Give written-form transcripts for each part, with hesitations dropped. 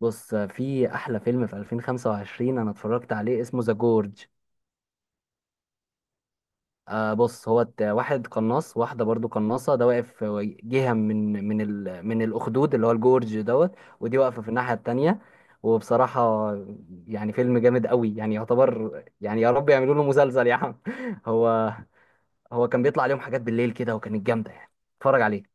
بص، في احلى فيلم في 2025 انا اتفرجت عليه، اسمه ذا جورج. آه، بص هو واحد قناص، واحده برضو قناصه، ده واقف في جهه من الاخدود اللي هو الجورج دوت. ودي واقفه في الناحيه التانية. وبصراحه يعني فيلم جامد قوي، يعني يعتبر، يعني يا رب يعملوا له مسلسل يا عم. هو هو كان بيطلع عليهم حاجات بالليل كده وكانت جامده يعني. اتفرج عليه.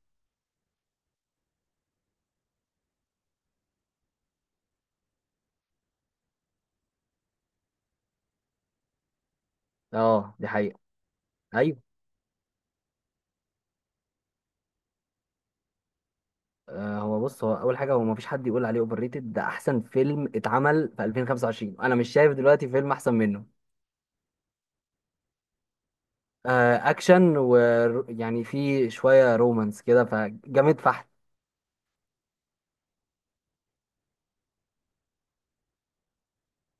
اه دي حقيقه. أيوه. آه، هو بص، هو اول حاجه، هو ما فيش حد يقول عليه اوفر ريتد، ده احسن فيلم اتعمل في 2025، انا مش شايف دلوقتي فيلم احسن منه. آه، اكشن، ويعني في شويه رومانس كده فجامد فحت.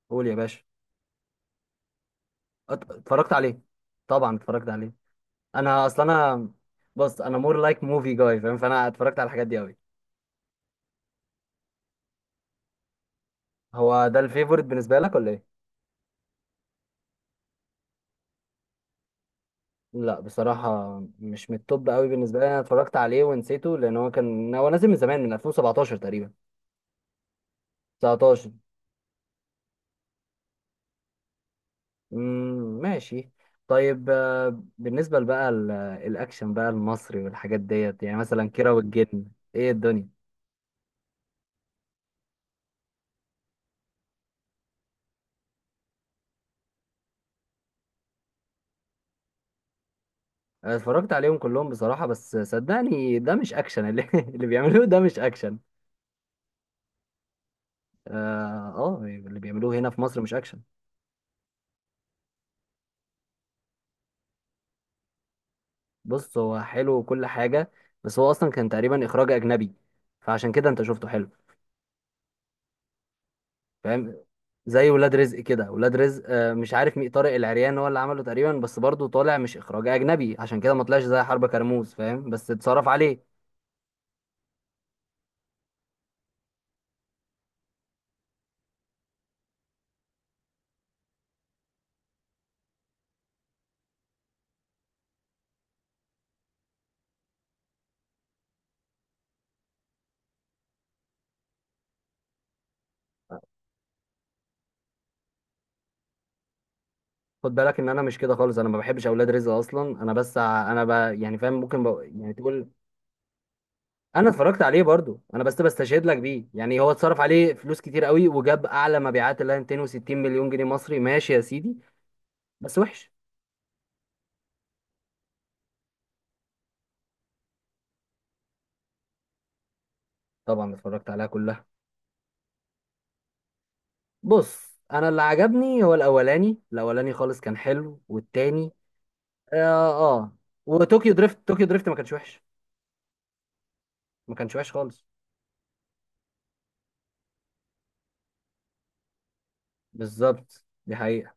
قول يا باشا. اتفرجت عليه. طبعا اتفرجت عليه. انا اصلا بص، انا مور لايك موفي جاي، فاهم؟ فانا اتفرجت على الحاجات دي قوي. هو ده الفيفورت بالنسبه لك ولا ايه؟ لا بصراحه مش من التوب قوي بالنسبه لي، انا اتفرجت عليه ونسيته، لان هو كان نازل من زمان، من 2017 تقريبا. 19. مم، ماشي. طيب، آه، بالنسبة بقى، الأكشن بقى المصري والحاجات ديت، يعني مثلا كيرة والجن. إيه الدنيا؟ أنا اتفرجت عليهم كلهم بصراحة، بس صدقني ده مش اللي بيعملوه ده مش أكشن. آه. آه اللي بيعملوه هنا في مصر مش أكشن. بص هو حلو وكل حاجة، بس هو أصلا كان تقريبا إخراج أجنبي، فعشان كده أنت شفته حلو. فاهم؟ زي ولاد رزق كده. ولاد رزق، آه، مش عارف مين، طارق العريان هو اللي عمله تقريبا، بس برضه طالع مش اخراج اجنبي، عشان كده ما طلعش زي حرب كرموز، فاهم؟ بس اتصرف عليه. خد بالك ان انا مش كده خالص، انا ما بحبش اولاد رزق اصلا، انا بس انا يعني فاهم، ممكن يعني تقول. انا اتفرجت عليه برضه، انا بس بستشهد لك بيه، يعني هو اتصرف عليه فلوس كتير قوي وجاب اعلى مبيعات اللي هي 260 مليون جنيه مصري، ماشي يا سيدي. بس وحش. طبعا اتفرجت عليها كلها. بص، انا اللي عجبني هو الاولاني، الاولاني خالص كان حلو، والتاني. اه. آه. وطوكيو دريفت، طوكيو دريفت ما كانش وحش. ما كانش وحش خالص. بالظبط، دي حقيقة.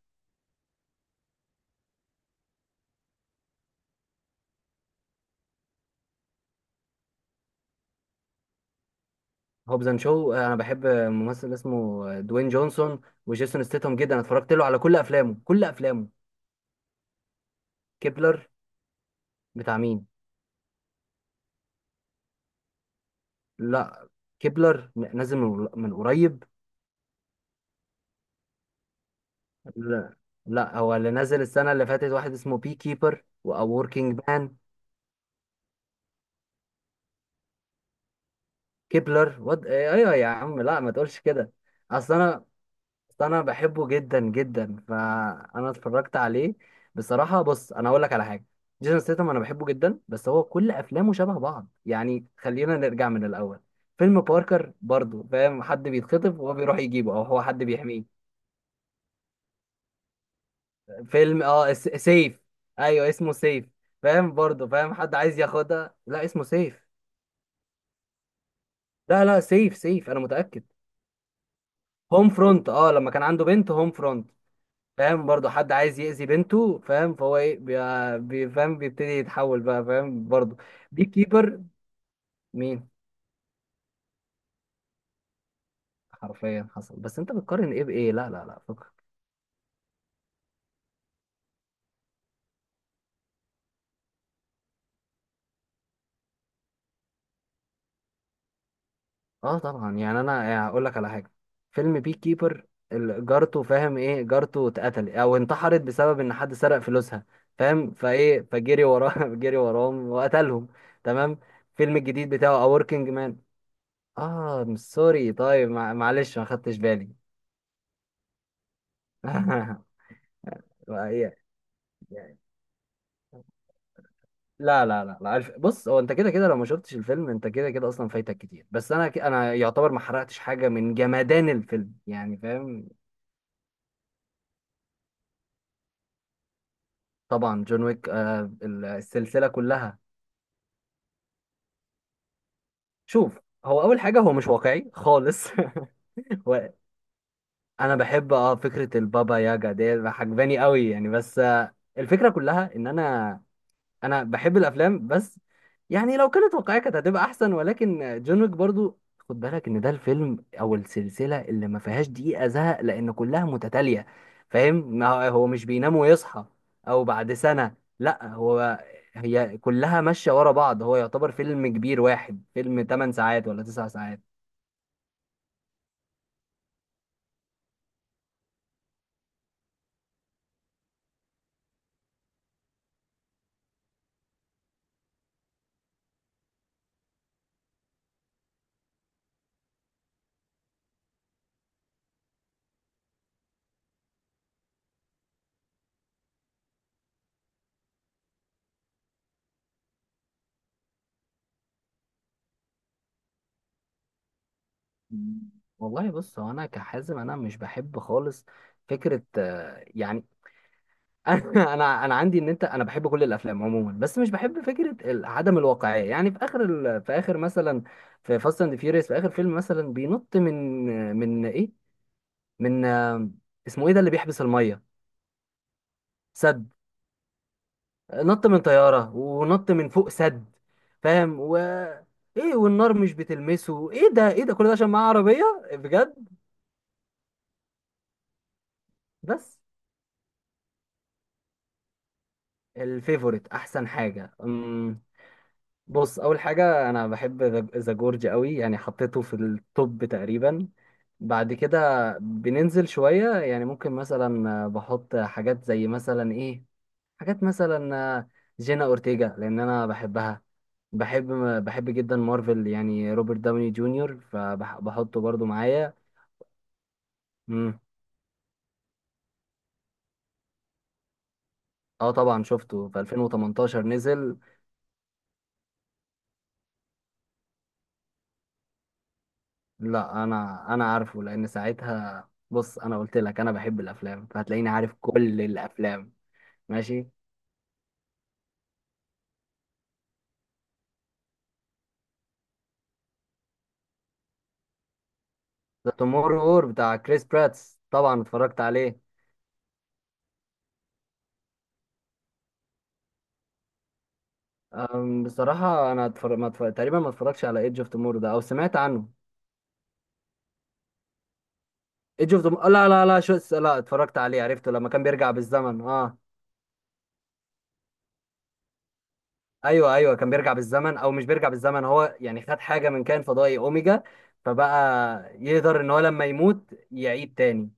هوبز اند شو، انا بحب ممثل اسمه دوين جونسون وجيسون ستيتهم جدا، أنا اتفرجت له على كل افلامه، كل افلامه. كيبلر، بتاع مين؟ لا، كيبلر نازل من قريب. لا، لا، هو اللي نازل السنة اللي فاتت واحد اسمه بي كيبر او وركينج مان. كيبلر وات؟ ايوه يا عم، لا ما تقولش كده. اصل انا، بس انا بحبه جدا جدا، فانا اتفرجت عليه بصراحه. بص، انا اقول لك على حاجه. جيسون ستاثام انا بحبه جدا، بس هو كل افلامه شبه بعض، يعني خلينا نرجع من الاول. فيلم باركر برضو، فاهم؟ حد بيتخطف وهو بيروح يجيبه، او هو حد بيحميه. فيلم اه، سيف. ايوه اسمه سيف. فاهم؟ برضو فاهم، حد عايز ياخدها. لا اسمه سيف. لا لا سيف، سيف انا متاكد. هوم فرونت، اه لما كان عنده بنت، هوم فرونت. فاهم؟ برضه حد عايز يأذي بنته، فاهم؟ فهو ايه، فاهم بيبتدي يتحول بقى، فاهم برضه. بي كيبر. مين؟ حرفيا حصل، بس انت بتقارن ايه بايه؟ لا لا لا فكر. اه طبعا، يعني انا يعني هقول لك على حاجه. فيلم بي كيبر، جارته، فاهم ايه، جارته اتقتل او انتحرت بسبب ان حد سرق فلوسها. فاهم؟ فايه، فجري وراه. جري وراهم وقتلهم. تمام. الفيلم الجديد بتاعه A Working Man. اه سوري، طيب، معلش ما خدتش بالي. يعني. لا لا لا لا عارف، بص، هو انت كده كده لو ما شفتش الفيلم انت كده كده اصلا فايتك كتير، بس انا انا يعتبر ما حرقتش حاجه من جمدان الفيلم، يعني فاهم. طبعا جون ويك، آه، السلسله كلها. شوف، هو اول حاجه هو مش واقعي خالص. هو انا بحب اه فكره البابا ياجا دي، عجباني قوي يعني، بس آه الفكره كلها ان انا، انا بحب الافلام بس. يعني لو كانت واقعيه كانت هتبقى احسن، ولكن جون ويك برضو، خد بالك ان ده الفيلم او السلسله اللي ما فيهاش دقيقه زهق، لان كلها متتاليه. فاهم، ما هو هو مش بينام ويصحى او بعد سنه، لا هو، هي كلها ماشيه ورا بعض، هو يعتبر فيلم كبير واحد، فيلم 8 ساعات ولا 9 ساعات. والله بص، هو انا كحازم، انا مش بحب خالص فكره، آه، يعني، انا عندي ان انت، انا بحب كل الافلام عموما، بس مش بحب فكره عدم الواقعيه، يعني في اخر في اخر مثلا في فاست اند فيوريوس في اخر فيلم مثلا بينط من، من ايه، من آه، اسمه ايه ده اللي بيحبس الميه؟ سد. نط من طياره ونط من فوق سد، فاهم؟ و، ايه، والنار مش بتلمسه، ايه ده؟ ايه ده كل ده عشان معاه عربيه؟ بجد. بس الفيفوريت، احسن حاجه، بص، اول حاجه انا بحب ذا جورج قوي، يعني حطيته في التوب تقريبا. بعد كده بننزل شويه، يعني ممكن مثلا آه، بحط حاجات زي مثلا ايه، حاجات مثلا آه، جينا اورتيجا لان انا بحبها. بحب، بحب جدا مارفل، يعني روبرت داوني جونيور فبحطه برضو معايا. مم. اه طبعا شفته في 2018 نزل. لا انا، انا عارفه لان ساعتها، بص، انا قلت لك انا بحب الافلام فهتلاقيني عارف كل الافلام. ماشي. ذا توموررو وور بتاع كريس براتس، طبعا اتفرجت عليه. بصراحة أنا اتفرج... ما اتفرج... تقريبا ما اتفرجش على ايدج اوف توموررو ده، أو سمعت عنه. ايدج اوف توموررو، لا لا لا شو، لا اتفرجت عليه، عرفته لما كان بيرجع بالزمن اه. أيوه أيوه كان بيرجع بالزمن أو مش بيرجع بالزمن، هو يعني خد حاجة من كائن فضائي أوميجا، فبقى يقدر إن هو لما يموت يعيد تاني.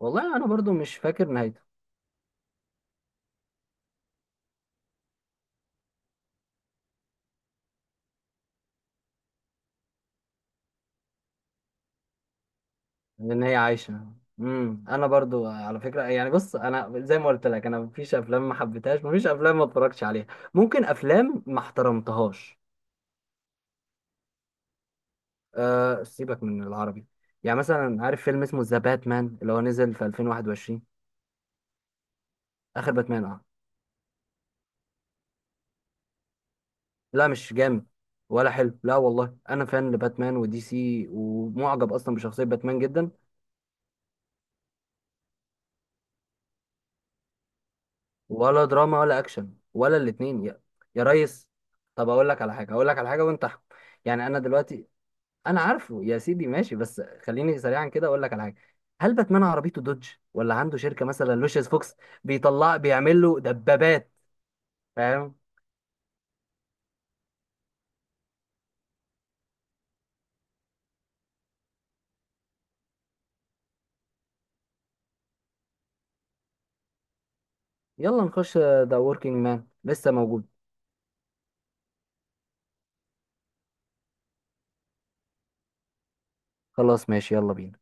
والله أنا برضو مش فاكر نهايته. لان هي عايشه. امم، انا برضو على فكره يعني، بص انا زي ما قلت لك انا مفيش افلام ما حبيتهاش، مفيش افلام ما اتفرجتش عليها، ممكن افلام ما احترمتهاش. أه سيبك من العربي. يعني مثلا عارف فيلم اسمه ذا باتمان اللي هو نزل في 2021، اخر باتمان، اه. لا مش جامد ولا حلو، لا والله انا فان لباتمان ودي سي، ومعجب اصلا بشخصيه باتمان جدا. ولا دراما ولا اكشن ولا الاتنين يا، يا ريس. طب اقول لك على حاجه، اقول لك على حاجه وانت احكم. يعني انا دلوقتي، انا عارفه يا سيدي ماشي، بس خليني سريعا كده اقول لك على حاجه. هل باتمان عربيته دوج ولا عنده شركه مثلا لوشيس فوكس بيطلع بيعمل له دبابات؟ فاهم؟ يلا نخش ذا وركينج مان لسه موجود. خلاص ماشي، يلا بينا.